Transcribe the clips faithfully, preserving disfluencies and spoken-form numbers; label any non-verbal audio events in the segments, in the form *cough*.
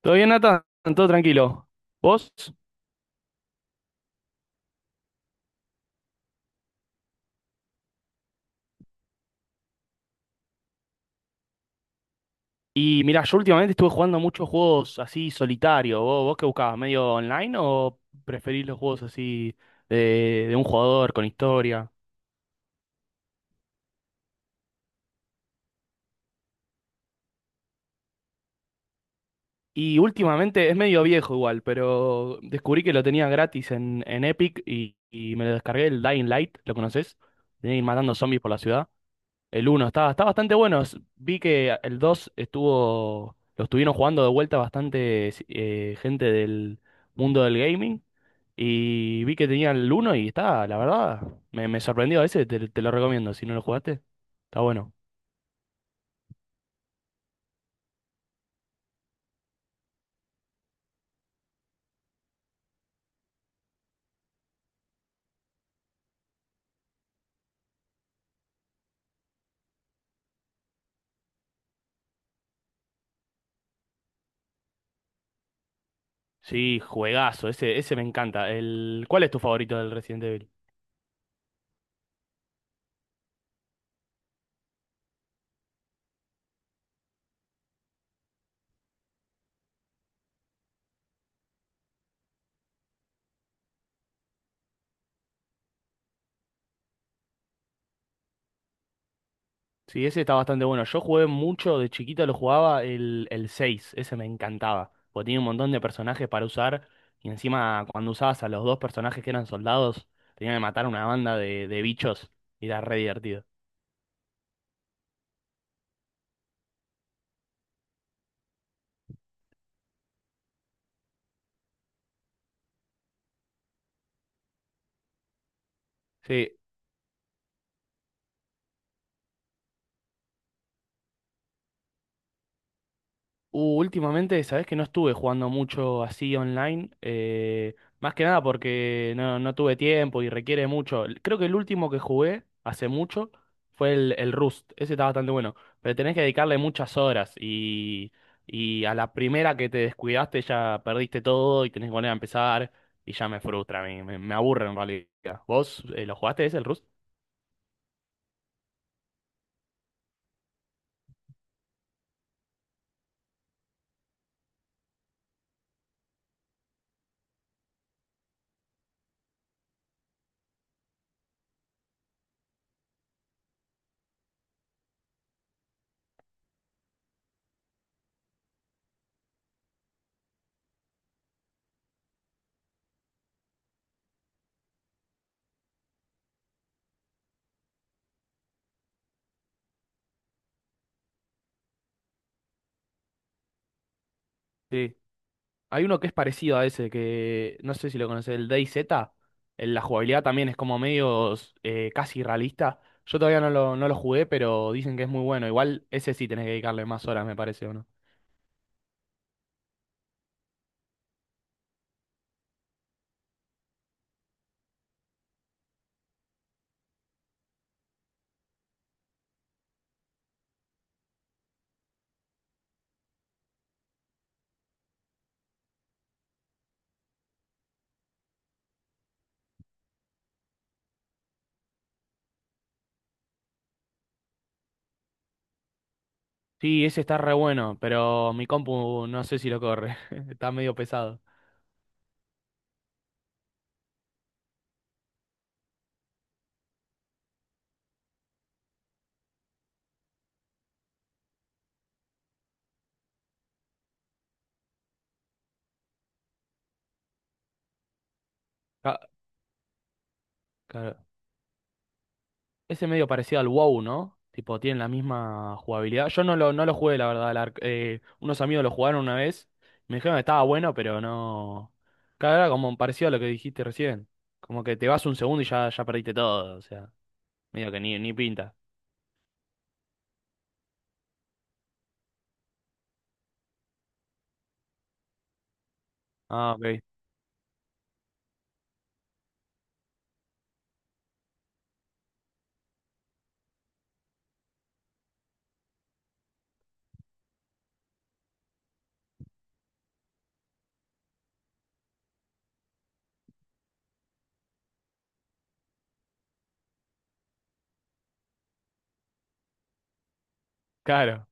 ¿Todo bien, Nathan? ¿Todo tranquilo? ¿Vos? Y mirá, yo últimamente estuve jugando muchos juegos así solitario. ¿Vos, vos qué buscabas? ¿Medio online o preferís los juegos así de, de un jugador con historia? Y últimamente es medio viejo igual, pero descubrí que lo tenía gratis en, en Epic y, y me lo descargué el Dying Light, ¿lo conocés? De ir matando zombies por la ciudad. El uno está, está bastante bueno. S- Vi que el dos estuvo, lo estuvieron jugando de vuelta bastante si, eh, gente del mundo del gaming. Y vi que tenía el uno y está, la verdad, me, me sorprendió. Ese te, te lo recomiendo, si no lo jugaste. Está bueno. Sí, juegazo, ese, ese me encanta. El, ¿cuál es tu favorito del Resident Evil? Sí, ese está bastante bueno. Yo jugué mucho, de chiquito lo jugaba el, el seis. Ese me encantaba, porque tenía un montón de personajes para usar y encima cuando usabas a los dos personajes que eran soldados, tenían que matar una banda de, de bichos y era re divertido. Sí, Uh, últimamente, sabes que no estuve jugando mucho así online, eh, más que nada porque no, no tuve tiempo y requiere mucho. Creo que el último que jugué hace mucho fue el, el Rust, ese está bastante bueno, pero tenés que dedicarle muchas horas y, y a la primera que te descuidaste ya perdiste todo y tenés que volver a empezar y ya me frustra, a mí, me, me aburre en realidad. ¿Vos eh, lo jugaste ese, el Rust? Sí. Hay uno que es parecido a ese, que no sé si lo conoces, el DayZ. En la jugabilidad también es como medio eh, casi realista. Yo todavía no lo, no lo jugué, pero dicen que es muy bueno. Igual ese sí tenés que dedicarle más horas, me parece, ¿o no? Sí, ese está re bueno, pero mi compu no sé si lo corre. *laughs* Está medio pesado. Ca- claro. Ese medio parecido al WoW, ¿no? Tipo, tienen la misma jugabilidad. Yo no lo, no lo jugué, la verdad. Al Ark- eh, unos amigos lo jugaron una vez. Me dijeron que estaba bueno, pero no. Claro, era como parecido a lo que dijiste recién. Como que te vas un segundo y ya, ya perdiste todo. O sea, medio que ni, ni pinta. Ah, ok. Claro.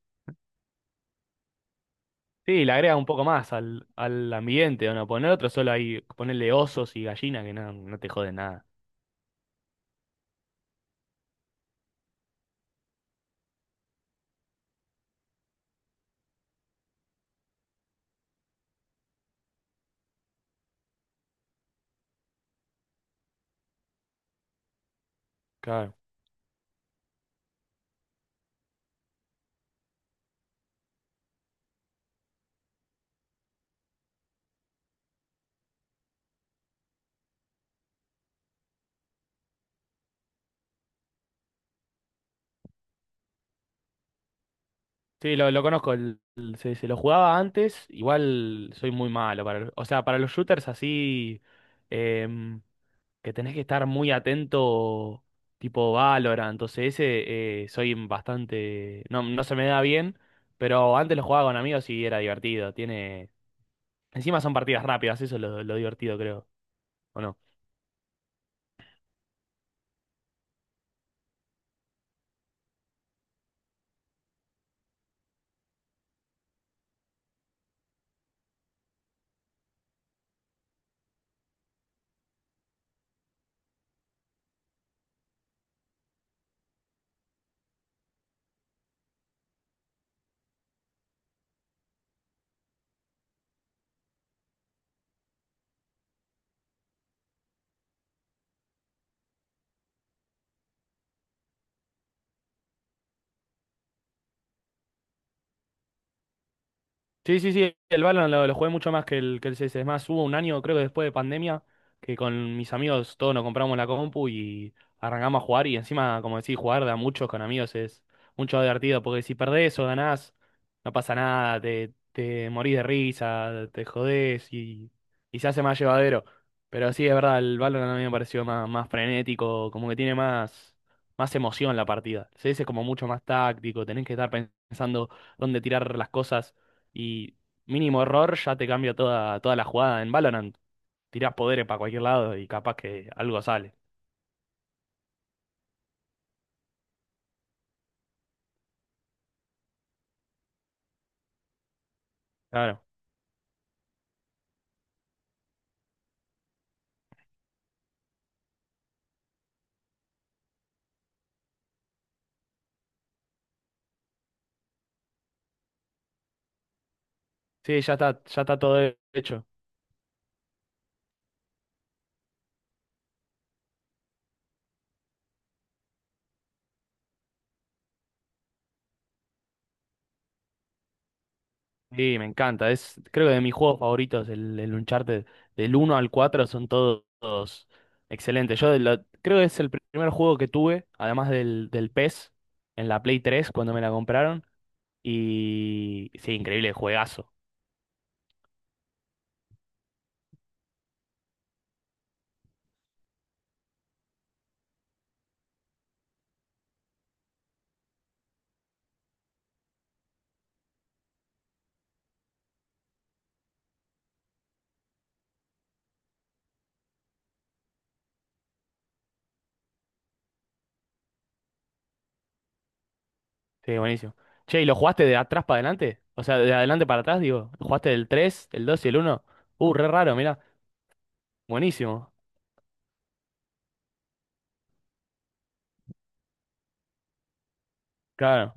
Sí, le agrega un poco más al, al ambiente, ¿o no? Poner otro solo ahí, ponerle osos y gallinas que no, no te joden nada. Claro. Sí, lo, lo conozco. El- el- sí, sí, lo jugaba antes. Igual soy muy malo para, el- o sea, para los shooters así em, que tenés que estar muy atento, tipo Valorant. Entonces ese eh, soy bastante, no, no se me da bien, pero antes lo jugaba con amigos y era divertido. Tiene, encima son partidas rápidas, eso es lo, lo divertido, creo. ¿O no? Sí, sí, sí, el Valorant lo, lo jugué mucho más que el, que el C S. Es más, hubo un año, creo que después de pandemia, que con mis amigos todos nos compramos la compu y arrancamos a jugar. Y encima, como decís, jugar de a muchos con amigos es mucho más divertido, porque si perdés o ganás, no pasa nada, te, te morís de risa, te jodés y, y se hace más llevadero. Pero sí, es verdad, el Valorant a mí me pareció más, más frenético, como que tiene más, más emoción la partida. El C S es como mucho más táctico, tenés que estar pensando dónde tirar las cosas. Y mínimo error ya te cambia toda, toda la jugada. En Valorant tirás poderes para cualquier lado y capaz que algo sale. Claro. Sí, ya está, ya está todo hecho. Sí, me encanta. Es, creo que de mis juegos favoritos, el, el Uncharted, del uno al cuatro son todos, todos excelentes. Yo de la- creo que es el primer juego que tuve, además del, del PES, en la Play tres cuando me la compraron. Y sí, increíble juegazo. Sí, buenísimo. Che, ¿y lo jugaste de atrás para adelante? O sea, de adelante para atrás, digo. ¿Lo ¿Jugaste del tres, el dos y el uno? Uh, re raro, mirá. Buenísimo. Claro.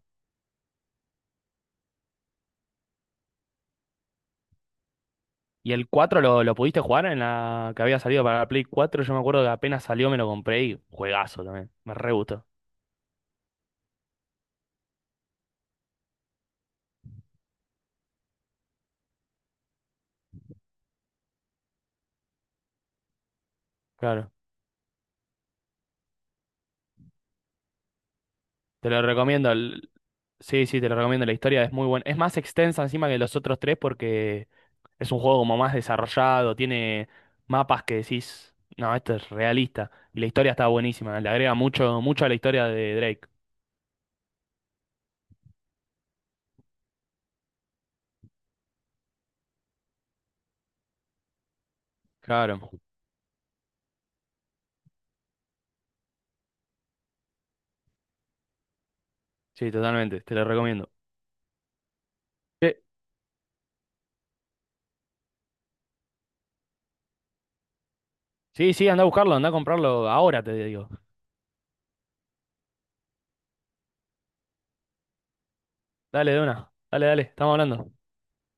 ¿Y el cuatro lo, lo pudiste jugar en la que había salido para la Play cuatro? Yo me acuerdo que apenas salió me lo compré y juegazo también. Me re gustó. Claro. Te lo recomiendo. el- Sí, sí, te lo recomiendo. La historia es muy buena. Es más extensa encima que los otros tres porque es un juego como más desarrollado, tiene mapas que decís, no, esto es realista. Y la historia está buenísima, le agrega mucho, mucho a la historia de Drake. Claro. Sí, totalmente, te lo recomiendo. Sí, sí, anda a buscarlo, anda a comprarlo ahora, te digo. Dale, de una. Dale, dale, estamos hablando.